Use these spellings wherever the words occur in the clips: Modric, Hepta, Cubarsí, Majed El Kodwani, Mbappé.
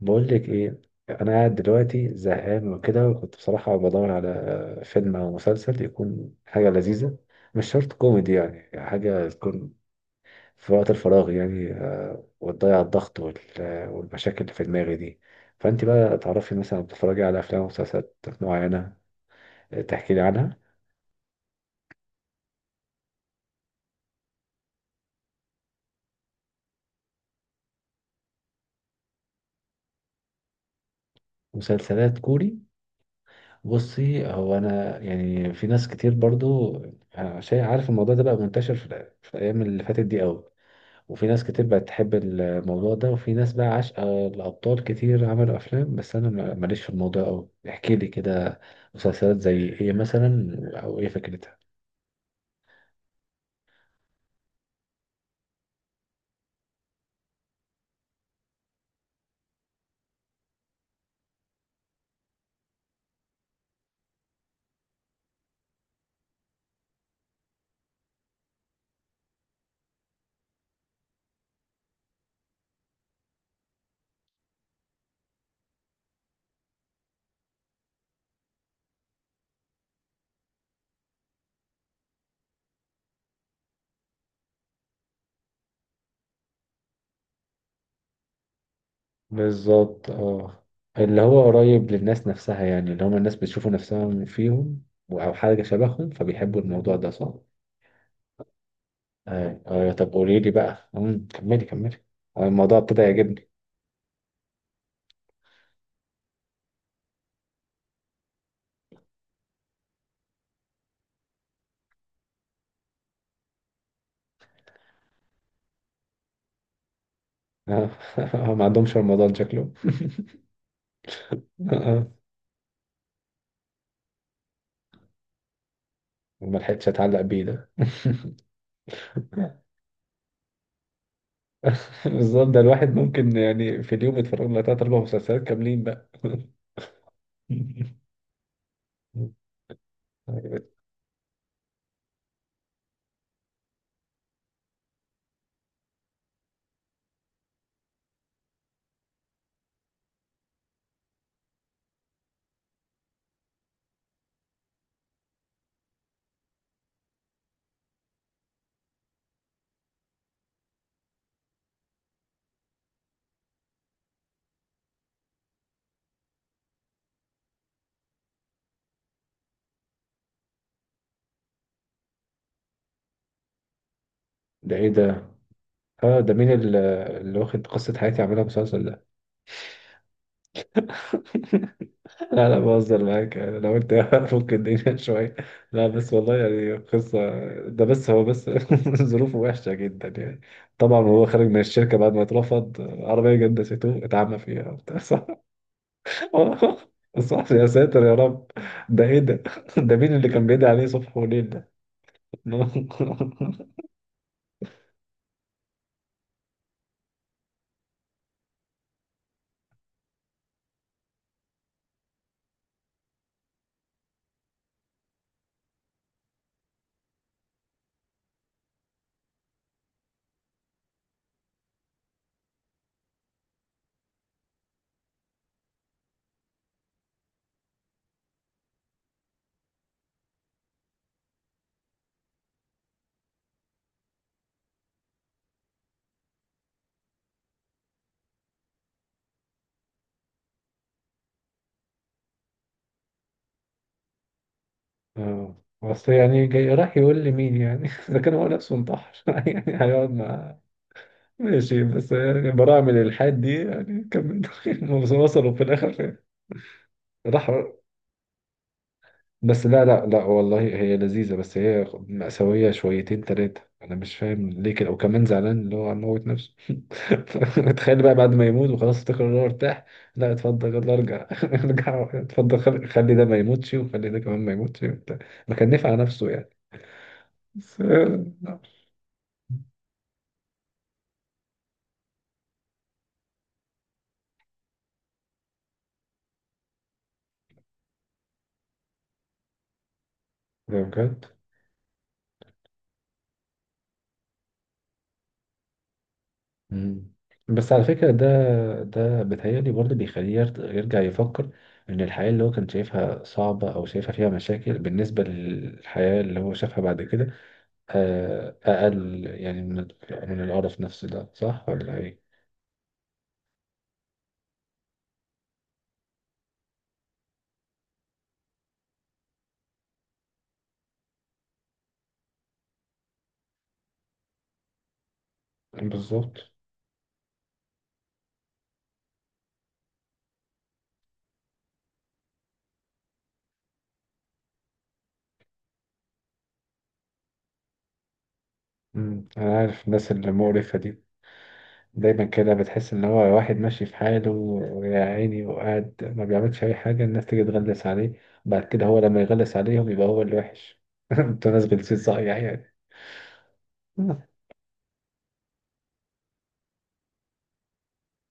بقول لك ايه. انا قاعد دلوقتي زهقان وكده، وكنت بصراحه بدور على فيلم او مسلسل يكون حاجه لذيذه، مش شرط كوميدي، يعني حاجه تكون في وقت الفراغ يعني وتضيع الضغط والمشاكل اللي في دماغي دي. فانت بقى تعرفي مثلا بتتفرجي على افلام ومسلسلات معينه تحكي لي عنها. مسلسلات كوري؟ بصي، هو انا يعني في ناس كتير برضو شايف، عارف الموضوع ده بقى منتشر في في الايام اللي فاتت دي قوي، وفي ناس كتير بقت تحب الموضوع ده، وفي ناس بقى عاشقة الأبطال، كتير عملوا أفلام، بس أنا ماليش في الموضوع أوي، احكي لي كده. مسلسلات زي إيه مثلا؟ أو إيه فكرتها؟ بالظبط، اه. اللي هو قريب للناس نفسها، يعني اللي هم الناس بتشوفوا نفسهم فيهم أو حاجة شبههم، فبيحبوا الموضوع ده، صح؟ آه. آه. طب قولي لي بقى. كملي كملي. آه، الموضوع ابتدى يعجبني. آه. ما عندهمش رمضان شكله. آه. آه. ما لحقتش أتعلق بيه ده. بالظبط، ده الواحد ممكن يعني في اليوم يتفرج له تلات أربع مسلسلات كاملين بقى. ده إيه ده؟ آه، ده مين اللي واخد قصة حياتي عاملها مسلسل ده؟ لا لا، بهزر معاك يعني، لو أنت ممكن الدنيا شوية. لا بس والله يعني قصة، ده بس هو بس. ظروفه وحشة جدا يعني. طبعا هو خارج من الشركة بعد ما اترفض، عربية جنسيته اتعمى فيها وبتاع، صح؟ صح يا ساتر يا رب. ده إيه ده؟ ده مين اللي كان بيدعي عليه صبح وليل؟ اه. بس يعني جاي راح يقول لي مين يعني، اذا كان هو نفسه انتحر يعني هيقعد مع. ماشي، بس يعني براعم الالحاد دي يعني كملوا، وصلوا في الاخر فين؟ راح. بس لا لا لا، والله هي لذيذة، بس هي مأساوية شويتين تلاتة، أنا مش فاهم ليه كده، وكمان زعلان اللي هو هيموت نفسه. تخيل بقى بعد ما يموت وخلاص افتكر إن هو ارتاح، لا اتفضل يلا ارجع، ارجع اتفضل، خلي خلي ده ما يموتش، وخلي ده كمان ما يموتش وبتاع، ما كان نفع نفسه يعني. بس ده. بجد. مم. بس على فكرة ده بيتهيألي برضه بيخليه يرجع يفكر إن الحياة اللي هو كان شايفها صعبة أو شايفها فيها مشاكل، بالنسبة للحياة اللي هو شافها بعد كده، أقل يعني من القرف نفسه ده، صح ولا إيه؟ بالظبط. مم. أنا عارف الناس اللي مقرفة دي. دايما كده بتحس ان هو واحد ماشي في حاله ويا عيني، وقاعد ما بيعملش اي حاجه، الناس تيجي تغلس عليه، بعد كده هو لما يغلس عليهم يبقى هو اللي وحش. انتوا ناس غلسين صحيح يعني.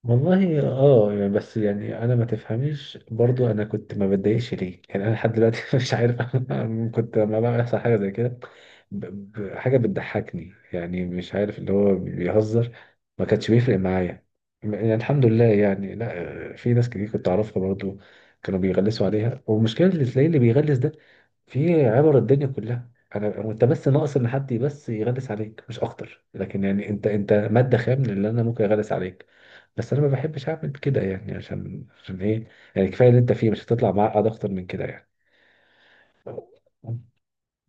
والله اه يعني، بس يعني انا ما تفهميش برضو، انا كنت ما بتضايقش ليه يعني، انا لحد دلوقتي مش عارف، أنا كنت لما بقى بيحصل حاجه زي كده حاجه بتضحكني يعني، مش عارف اللي هو بيهزر ما كانش بيفرق معايا يعني، الحمد لله يعني. لا في ناس كتير كنت اعرفها برضو كانوا بيغلسوا عليها، والمشكله اللي تلاقيه اللي بيغلس ده في عبر الدنيا كلها انا وانت، بس ناقص ان حد بس يغلس عليك مش اكتر، لكن يعني انت ماده خام للي انا ممكن اغلس عليك، بس انا ما بحبش اعمل كده يعني، عشان ايه، يعني كفايه اللي انت فيه، مش هتطلع معقد اكتر من كده يعني.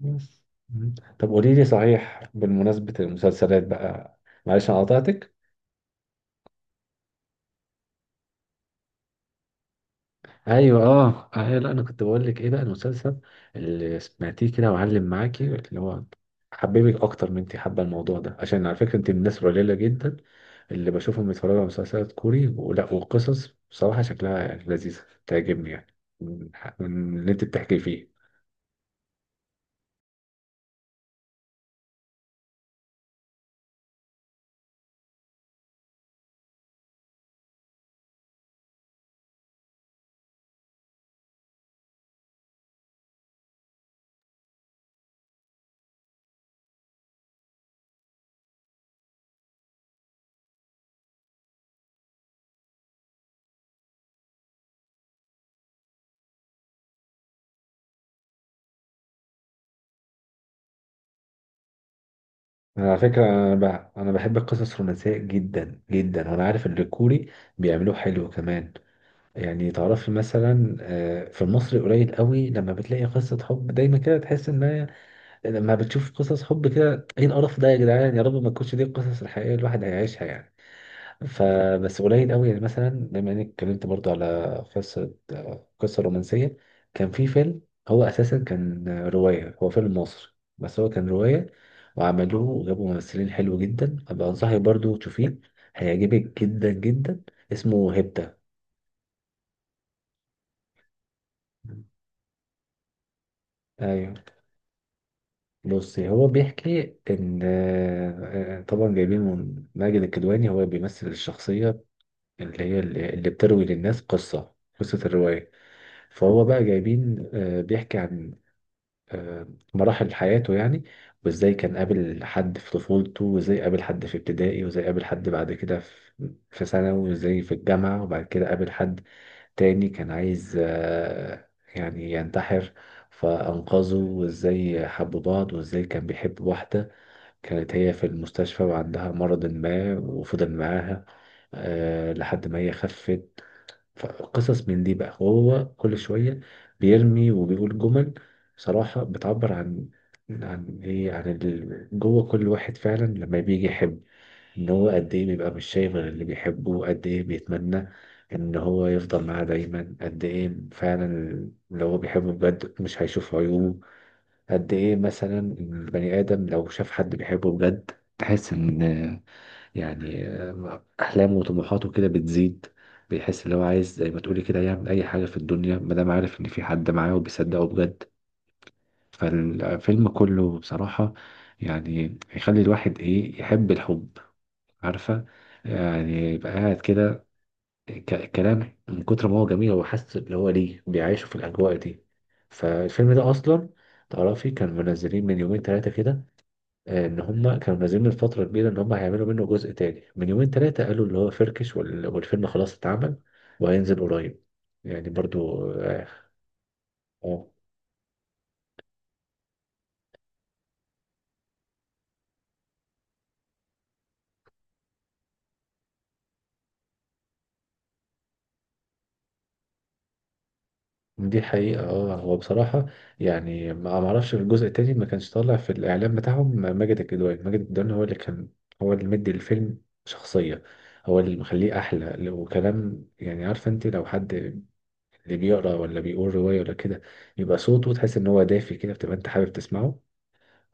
بس. مم. طب قولي لي صحيح بالمناسبه، المسلسلات بقى. معلش انا قطعتك. ايوه اه اه، لا انا كنت بقول لك ايه بقى، المسلسل اللي سمعتيه كده وعلم معاكي، اللي هو حببك اكتر من انت حابه الموضوع ده، عشان على فكره انت من الناس القليله جدا اللي بشوفهم بيتفرجوا على مسلسلات كوري ولا، وقصص بصراحه شكلها يعني لذيذه تعجبني، يعني من اللي انت بتحكي فيه. على فكرة أنا بقى أنا بحب القصص الرومانسية جدا جدا، وأنا عارف إن الكوري بيعملوه حلو كمان. يعني تعرفي مثلا، في المصري قليل قوي لما بتلاقي قصة حب دايما كده تحس إن هي، لما بتشوف قصص حب كده إيه القرف ده يا جدعان، يا رب ما تكونش دي القصص الحقيقية الواحد هيعيشها يعني. فبس قليل قوي يعني، مثلا بما اني اتكلمت برضو على قصه رومانسيه، كان في فيلم، هو اساسا كان روايه، هو فيلم مصري بس هو كان روايه، وعملوه وجابوا ممثلين حلو جدا، ابقى انصحك برضو تشوفيه، هيعجبك جدا جدا، اسمه هيبتا. ايوه. بصي، هو بيحكي ان طبعا جايبين من ماجد الكدواني، هو بيمثل الشخصيه اللي هي اللي اللي بتروي للناس قصة الرواية. فهو بقى جايبين، بيحكي عن آه، مراحل حياته يعني، وازاي كان قابل حد في طفولته، وازاي قابل حد في ابتدائي، وازاي قابل حد بعد كده في ثانوي، وازاي في الجامعة، وبعد كده قابل حد تاني كان عايز يعني ينتحر فأنقذه، وازاي حبوا بعض، وازاي كان بيحب واحدة كانت هي في المستشفى وعندها مرض ما وفضل معاها لحد ما هي خفت. فقصص من دي بقى، وهو كل شوية بيرمي وبيقول جمل صراحة بتعبر عن جوه كل واحد فعلا لما بيجي يحب، ان هو قد ايه بيبقى مش شايف غير اللي بيحبه، قد ايه بيتمنى ان هو يفضل معاه دايما، قد ايه فعلا لو هو بيحبه بجد مش هيشوف عيوبه، قد ايه مثلا البني ادم لو شاف حد بيحبه بجد تحس ان، يعني أحلامه وطموحاته كده بتزيد، بيحس اللي هو عايز زي ما تقولي كده يعمل أي حاجة في الدنيا ما دام عارف إن في حد معاه وبيصدقه بجد، فالفيلم كله بصراحة يعني يخلي الواحد إيه، يحب الحب، عارفة؟ يعني يبقى قاعد كده كلام من كتر ما هو جميل هو حاسس اللي هو ليه بيعيشه في الأجواء دي. فالفيلم ده أصلا تعرفي كان منزلين من يومين ثلاثة كده، ان هم كانوا نازلين من فتره كبيره ان هم هيعملوا منه جزء تاني، من يومين ثلاثه قالوا اللي هو فركش، والفيلم خلاص اتعمل وهينزل قريب يعني، برضو اه. آه، دي حقيقه اه، هو بصراحه يعني ما اعرفش، في الجزء التاني ما كانش طالع في الاعلان بتاعهم ماجد الكدواني، ماجد الكدواني هو اللي كان هو اللي مدي الفيلم شخصيه، هو اللي مخليه احلى وكلام، يعني عارفه، انت لو حد اللي بيقرا ولا بيقول روايه ولا كده، يبقى صوته تحس ان هو دافي كده، بتبقى انت حابب تسمعه.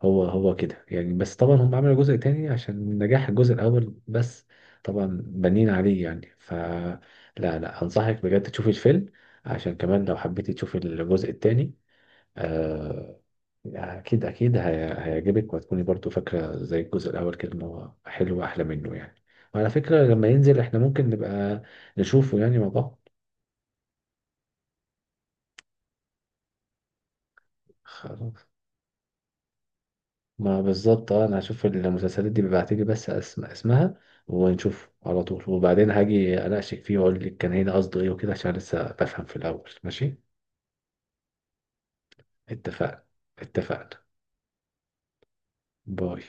هو كده يعني، بس طبعا هم عملوا جزء تاني عشان نجاح الجزء الأول، بس طبعا بنين عليه يعني، فلا لا لا، أنصحك بجد تشوفي الفيلم، عشان كمان لو حبيتي تشوفي الجزء التاني، آه يعني أكيد أكيد هيعجبك، وهتكوني برضو فاكرة زي الجزء الأول كده إن هو حلو، وأحلى منه يعني، وعلى فكرة لما ينزل إحنا ممكن نبقى نشوفه يعني مع بعض. خلاص. ما بالظبط اه، انا هشوف المسلسلات دي بيبعتلي بس اسمها، ونشوف على طول، وبعدين هاجي اناقشك فيه واقول لك كان هنا قصده ايه وكده، عشان لسه بفهم في الاول، ماشي؟ اتفقنا. اتفقنا. باي.